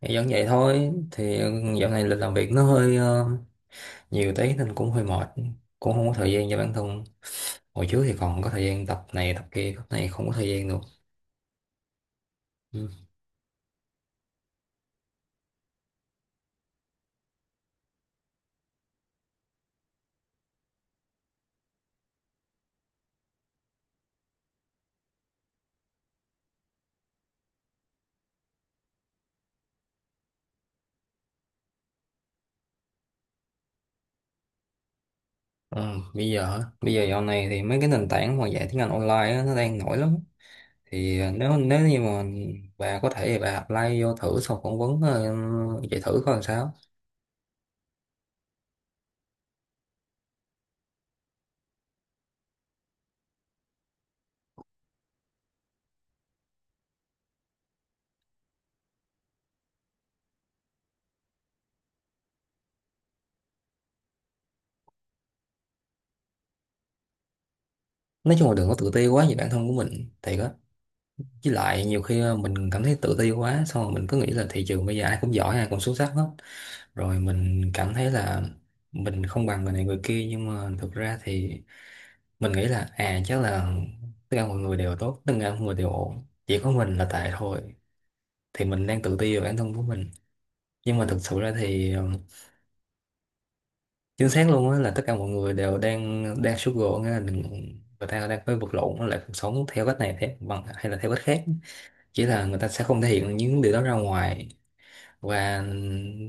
Thì vẫn vậy thôi thì dạo này lịch làm việc nó hơi nhiều tí nên cũng hơi mệt, cũng không có thời gian cho bản thân. Hồi trước thì còn có thời gian tập này tập kia, tập này không có thời gian được, ừ. Ừ, bây giờ hả? Bây giờ dạo này thì mấy cái nền tảng mà dạy tiếng Anh online á, nó đang nổi lắm, thì nếu nếu như mà bà có thể thì bà apply vô thử, sau phỏng vấn chạy thử coi làm sao. Nói chung là đừng có tự ti quá về bản thân của mình thì. Với lại nhiều khi mình cảm thấy tự ti quá, xong rồi mình cứ nghĩ là thị trường bây giờ ai cũng giỏi, ai cũng xuất sắc hết, rồi mình cảm thấy là mình không bằng người này người kia, nhưng mà thực ra thì mình nghĩ là à chắc là tất cả mọi người đều tốt, tất cả mọi người đều ổn, chỉ có mình là tệ thôi, thì mình đang tự ti về bản thân của mình. Nhưng mà thực sự ra thì chính xác luôn á là tất cả mọi người đều đang đang struggle, nghĩa là người ta đang phải vật lộn với lại cuộc sống theo cách này thế bằng hay là theo cách khác, chỉ là người ta sẽ không thể hiện những điều đó ra ngoài. Và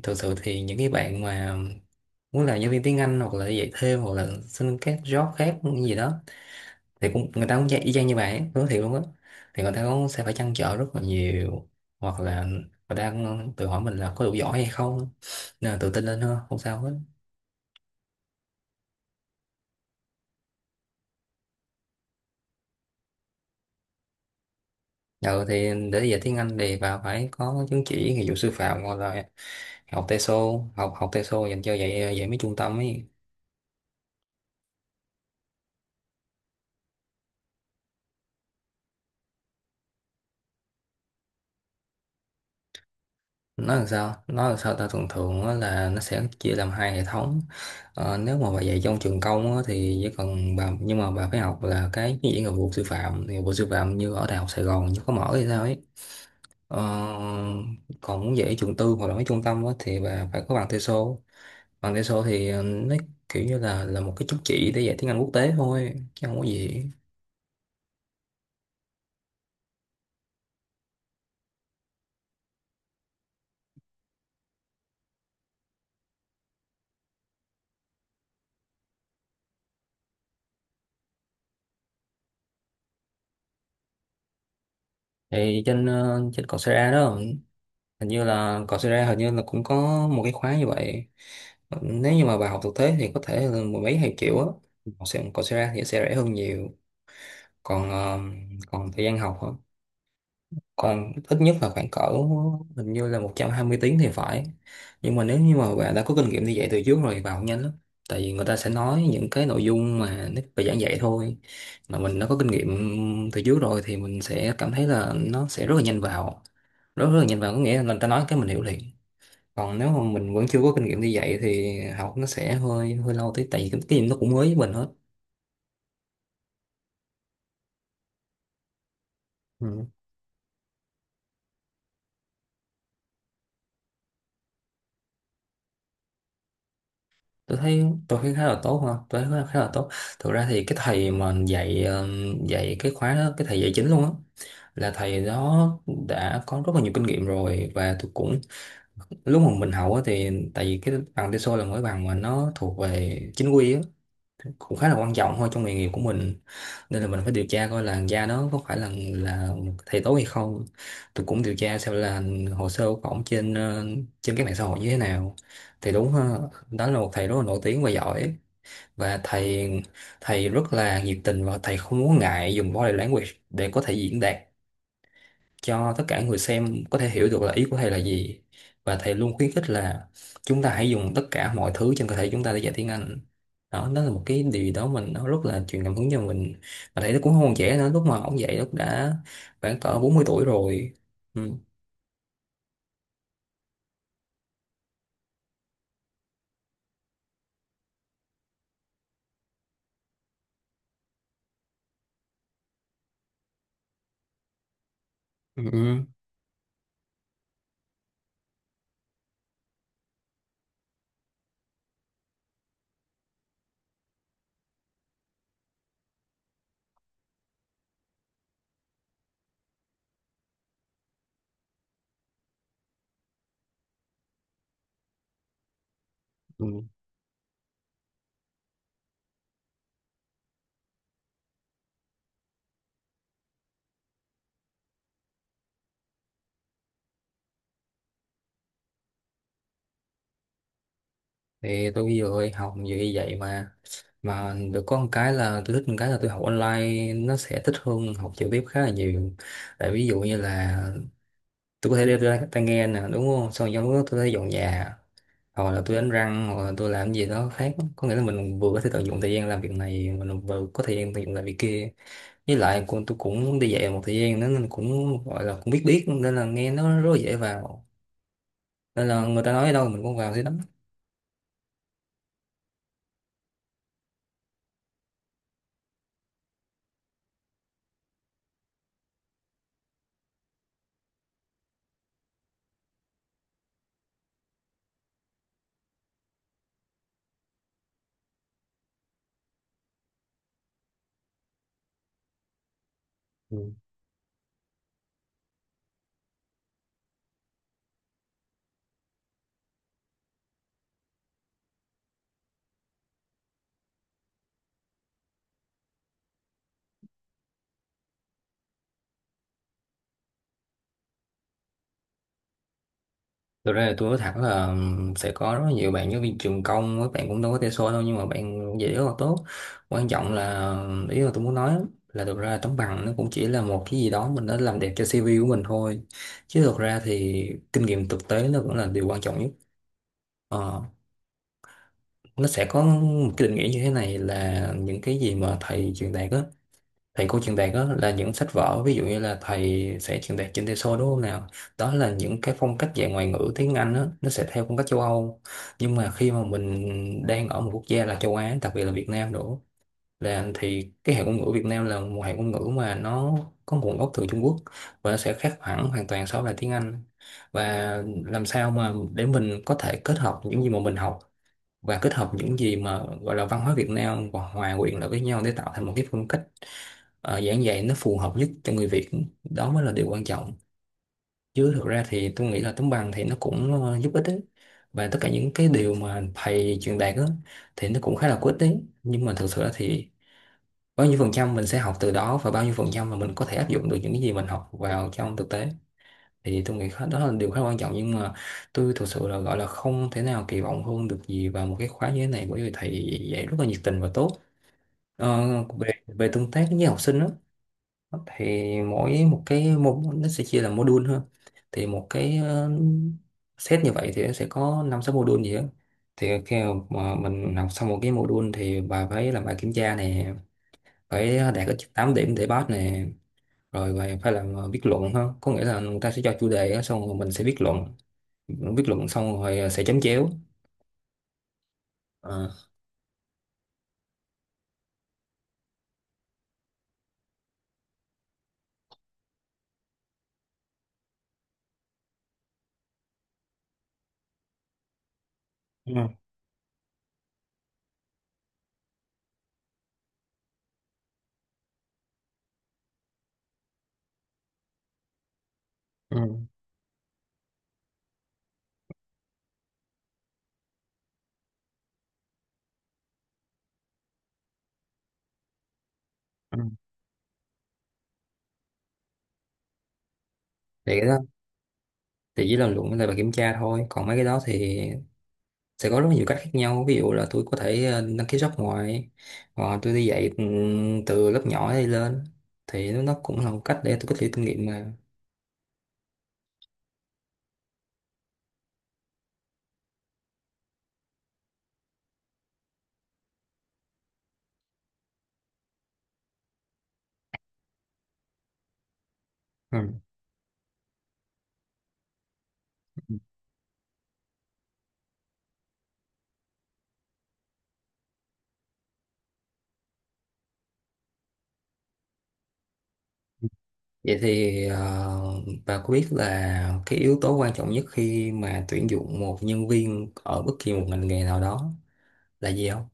thực sự thì những cái bạn mà muốn làm giáo viên tiếng Anh hoặc là dạy thêm hoặc là xin các job khác gì đó thì cũng, người ta cũng dạy y chang như vậy, nói thiệt luôn á, thì người ta cũng sẽ phải trăn trở rất là nhiều, hoặc là người ta cũng tự hỏi mình là có đủ giỏi hay không, nên là tự tin lên thôi, không sao hết. Rồi thì để dạy tiếng Anh thì bà phải có chứng chỉ nghiệp vụ sư phạm, hoặc là học TESOL, học học TESOL dành cho dạy dạy mấy trung tâm ấy. Nó làm sao ta thường thường á là nó sẽ chia làm hai hệ thống. Nếu mà bà dạy trong trường công á, thì chỉ cần bà, nhưng mà bà phải học là cái dạy nghiệp vụ sư phạm, thì nghiệp vụ sư phạm như ở đại học Sài Gòn chứ có mở hay sao ấy, ờ, còn muốn dạy trường tư hoặc là mấy trung tâm á, thì bà phải có bằng TESOL. Bằng TESOL thì nó kiểu như là một cái chứng chỉ để dạy tiếng Anh quốc tế thôi chứ không có gì. Thì trên trên Coursera đó hình như là còn sinh ra, hình như là cũng có một cái khóa như vậy. Nếu như mà bà học thực tế thì có thể là mười mấy hai triệu á, còn sinh ra thì sẽ rẻ hơn nhiều. Còn còn thời gian học hả? Còn ít nhất là khoảng cỡ hình như là 120 tiếng thì phải. Nhưng mà nếu như mà bạn đã có kinh nghiệm đi dạy từ trước rồi vào nhanh lắm, tại vì người ta sẽ nói những cái nội dung mà nếu bài giảng dạy thôi, mà mình đã có kinh nghiệm từ trước rồi thì mình sẽ cảm thấy là nó sẽ rất là nhanh vào, rất rất là nhanh vào, có nghĩa là người ta nói cái mình hiểu liền. Còn nếu mà mình vẫn chưa có kinh nghiệm đi dạy thì học nó sẽ hơi hơi lâu tí, tại vì cái gì nó cũng mới với mình hết, ừ. Tôi thấy khá là tốt ha, tôi thấy khá khá là tốt. Thực ra thì cái thầy mà dạy dạy cái khóa đó, cái thầy dạy chính luôn á, là thầy đó đã có rất là nhiều kinh nghiệm rồi, và tôi cũng lúc mà mình học á thì tại vì cái bằng TESOL là mỗi bằng mà nó thuộc về chính quy á, cũng khá là quan trọng thôi trong nghề nghiệp của mình, nên là mình phải điều tra coi là da đó có phải là thầy tố hay không. Tôi cũng điều tra xem là hồ sơ của ổng trên trên các mạng xã hội như thế nào, thì đúng ha, đó là một thầy rất là nổi tiếng và giỏi. Và thầy thầy rất là nhiệt tình và thầy không muốn ngại dùng body language để có thể diễn đạt cho tất cả người xem có thể hiểu được là ý của thầy là gì. Và thầy luôn khuyến khích là chúng ta hãy dùng tất cả mọi thứ trên cơ thể chúng ta để dạy tiếng Anh. Đó Đó là một cái điều gì đó mình nó rất là truyền cảm hứng cho mình. Mà thầy nó cũng không còn trẻ nữa, lúc mà ông dạy lúc đã khoảng cỡ 40 tuổi rồi, ừ. Ừ. Ừ, ừ. Thì tôi vừa học như vậy mà được có một cái là tôi thích một cái là tôi học online nó sẽ thích hơn học trực tiếp khá là nhiều, tại ví dụ như là tôi có thể đeo tai tai nghe nè, đúng không, xong trong lúc đó tôi có thể dọn nhà, hoặc là tôi đánh răng, hoặc là tôi làm gì đó khác, có nghĩa là mình vừa có thể tận dụng thời gian làm việc này, mình vừa có thời gian tận dụng làm việc kia. Với lại con tôi cũng đi dạy một thời gian nữa nên cũng gọi là cũng biết biết, nên là nghe nó rất là dễ vào, nên là người ta nói ở đâu mình cũng vào thế đó. Thực ra là tôi nói thẳng là sẽ có rất là nhiều bạn giáo viên trường công, các bạn cũng đâu có thể so đâu, nhưng mà bạn dễ rất là tốt. Quan trọng là, ý là tôi muốn nói là thực ra tấm bằng nó cũng chỉ là một cái gì đó mình đã làm đẹp cho CV của mình thôi, chứ thực ra thì kinh nghiệm thực tế nó vẫn là điều quan trọng nhất. Ờ, nó sẽ có một cái định nghĩa như thế này là những cái gì mà thầy truyền đạt á, thầy cô truyền đạt đó là những sách vở, ví dụ như là thầy sẽ truyền đạt trên TESOL đúng không nào, đó là những cái phong cách dạy ngoại ngữ tiếng Anh đó, nó sẽ theo phong cách châu Âu. Nhưng mà khi mà mình đang ở một quốc gia là châu Á, đặc biệt là Việt Nam nữa, thì cái hệ ngôn ngữ Việt Nam là một hệ ngôn ngữ mà nó có nguồn gốc từ Trung Quốc, và nó sẽ khác hẳn hoàn toàn so với lại tiếng Anh. Và làm sao mà để mình có thể kết hợp những gì mà mình học và kết hợp những gì mà gọi là văn hóa Việt Nam và hòa quyện lại với nhau để tạo thành một cái phong cách giảng dạy nó phù hợp nhất cho người Việt, đó mới là điều quan trọng. Chứ thực ra thì tôi nghĩ là tấm bằng thì nó cũng giúp ích đấy, và tất cả những cái điều mà thầy truyền đạt á, thì nó cũng khá là có ích đấy. Nhưng mà thực sự là thì bao nhiêu phần trăm mình sẽ học từ đó và bao nhiêu phần trăm mà mình có thể áp dụng được những cái gì mình học vào trong thực tế thì tôi nghĩ đó là điều khá quan trọng, nhưng mà tôi thực sự là gọi là không thể nào kỳ vọng hơn được gì vào một cái khóa như thế này, bởi vì thầy dạy rất là nhiệt tình và tốt. Ờ, về về tương tác với học sinh đó, thì mỗi một cái nó sẽ chia làm module hơn, thì một cái set như vậy thì nó sẽ có năm sáu module gì đó. Thì khi mà mình học xong một cái module thì bà phải làm bài kiểm tra này, phải đạt ít nhất 8 điểm để pass này, rồi bà phải làm viết luận hơn, có nghĩa là người ta sẽ cho chủ đề á, xong rồi mình sẽ viết luận, viết luận xong rồi sẽ chấm chéo. Ờ. Ừ, ừ, ừ. Thì cái đó thì chỉ làm luận với lại bài kiểm tra thôi, còn mấy cái đó thì sẽ có rất nhiều cách khác nhau, ví dụ là tôi có thể đăng ký job ngoài, hoặc là tôi đi dạy từ lớp nhỏ đi lên, thì nó cũng là một cách để tôi có thể kinh nghiệm mà, ừ. Vậy thì bà có biết là cái yếu tố quan trọng nhất khi mà tuyển dụng một nhân viên ở bất kỳ một ngành nghề nào đó là gì không?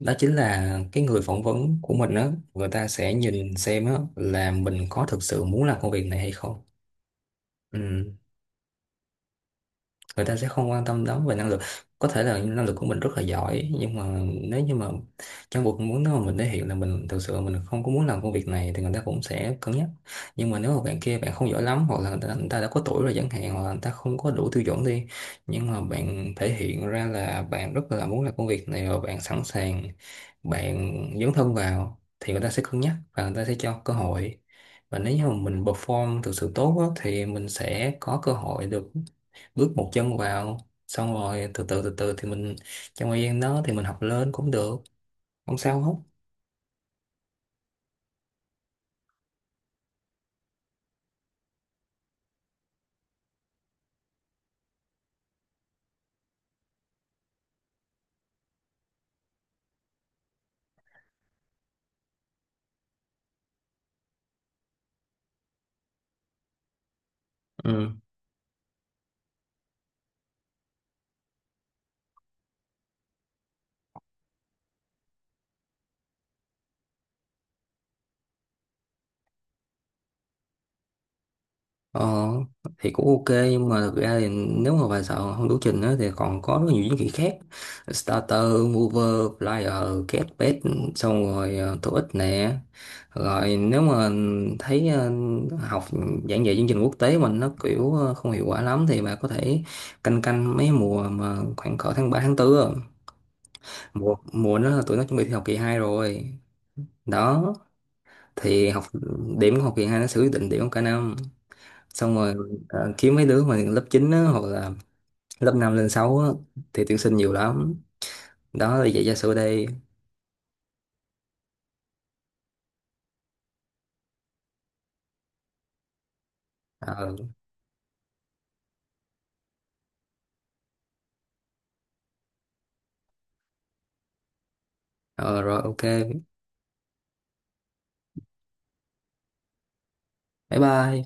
Đó chính là cái người phỏng vấn của mình á, người ta sẽ nhìn xem á là mình có thực sự muốn làm công việc này hay không. Ừ. Người ta sẽ không quan tâm lắm về năng lực, có thể là năng lực của mình rất là giỏi nhưng mà nếu như mà trong cuộc muốn nếu mà mình thể hiện là mình thực sự mình không có muốn làm công việc này thì người ta cũng sẽ cân nhắc. Nhưng mà nếu mà bạn kia bạn không giỏi lắm, hoặc là người ta đã có tuổi rồi chẳng hạn, hoặc là người ta không có đủ tiêu chuẩn đi, nhưng mà bạn thể hiện ra là bạn rất là muốn làm công việc này và bạn sẵn sàng, bạn dấn thân vào, thì người ta sẽ cân nhắc và người ta sẽ cho cơ hội. Và nếu như mà mình perform thực sự tốt á, thì mình sẽ có cơ hội được bước một chân vào, xong rồi từ từ thì mình trong thời gian đó thì mình học lên cũng được, không sao hết. Ừ. Ờ, thì cũng ok, nhưng mà thực ra thì nếu mà bài sợ không đủ trình á thì còn có rất nhiều chứng chỉ khác: starter, mover, flyer, get bed, xong rồi TOEIC nè. Rồi nếu mà thấy học giảng dạy chương trình quốc tế mình nó kiểu không hiệu quả lắm thì bà có thể canh canh mấy mùa mà khoảng cỡ tháng 3 tháng 4, mùa mùa nó là tụi nó chuẩn bị thi học kỳ 2 rồi, đó, thì điểm của học kỳ 2 nó sẽ quyết định điểm của cả năm, xong rồi kiếm mấy đứa mà lớp 9 á, hoặc là lớp 5 lên 6 á, thì tuyển sinh nhiều lắm. Đó là vậy, gia sư đây. Ờ, ờ, rồi ok, bye bye.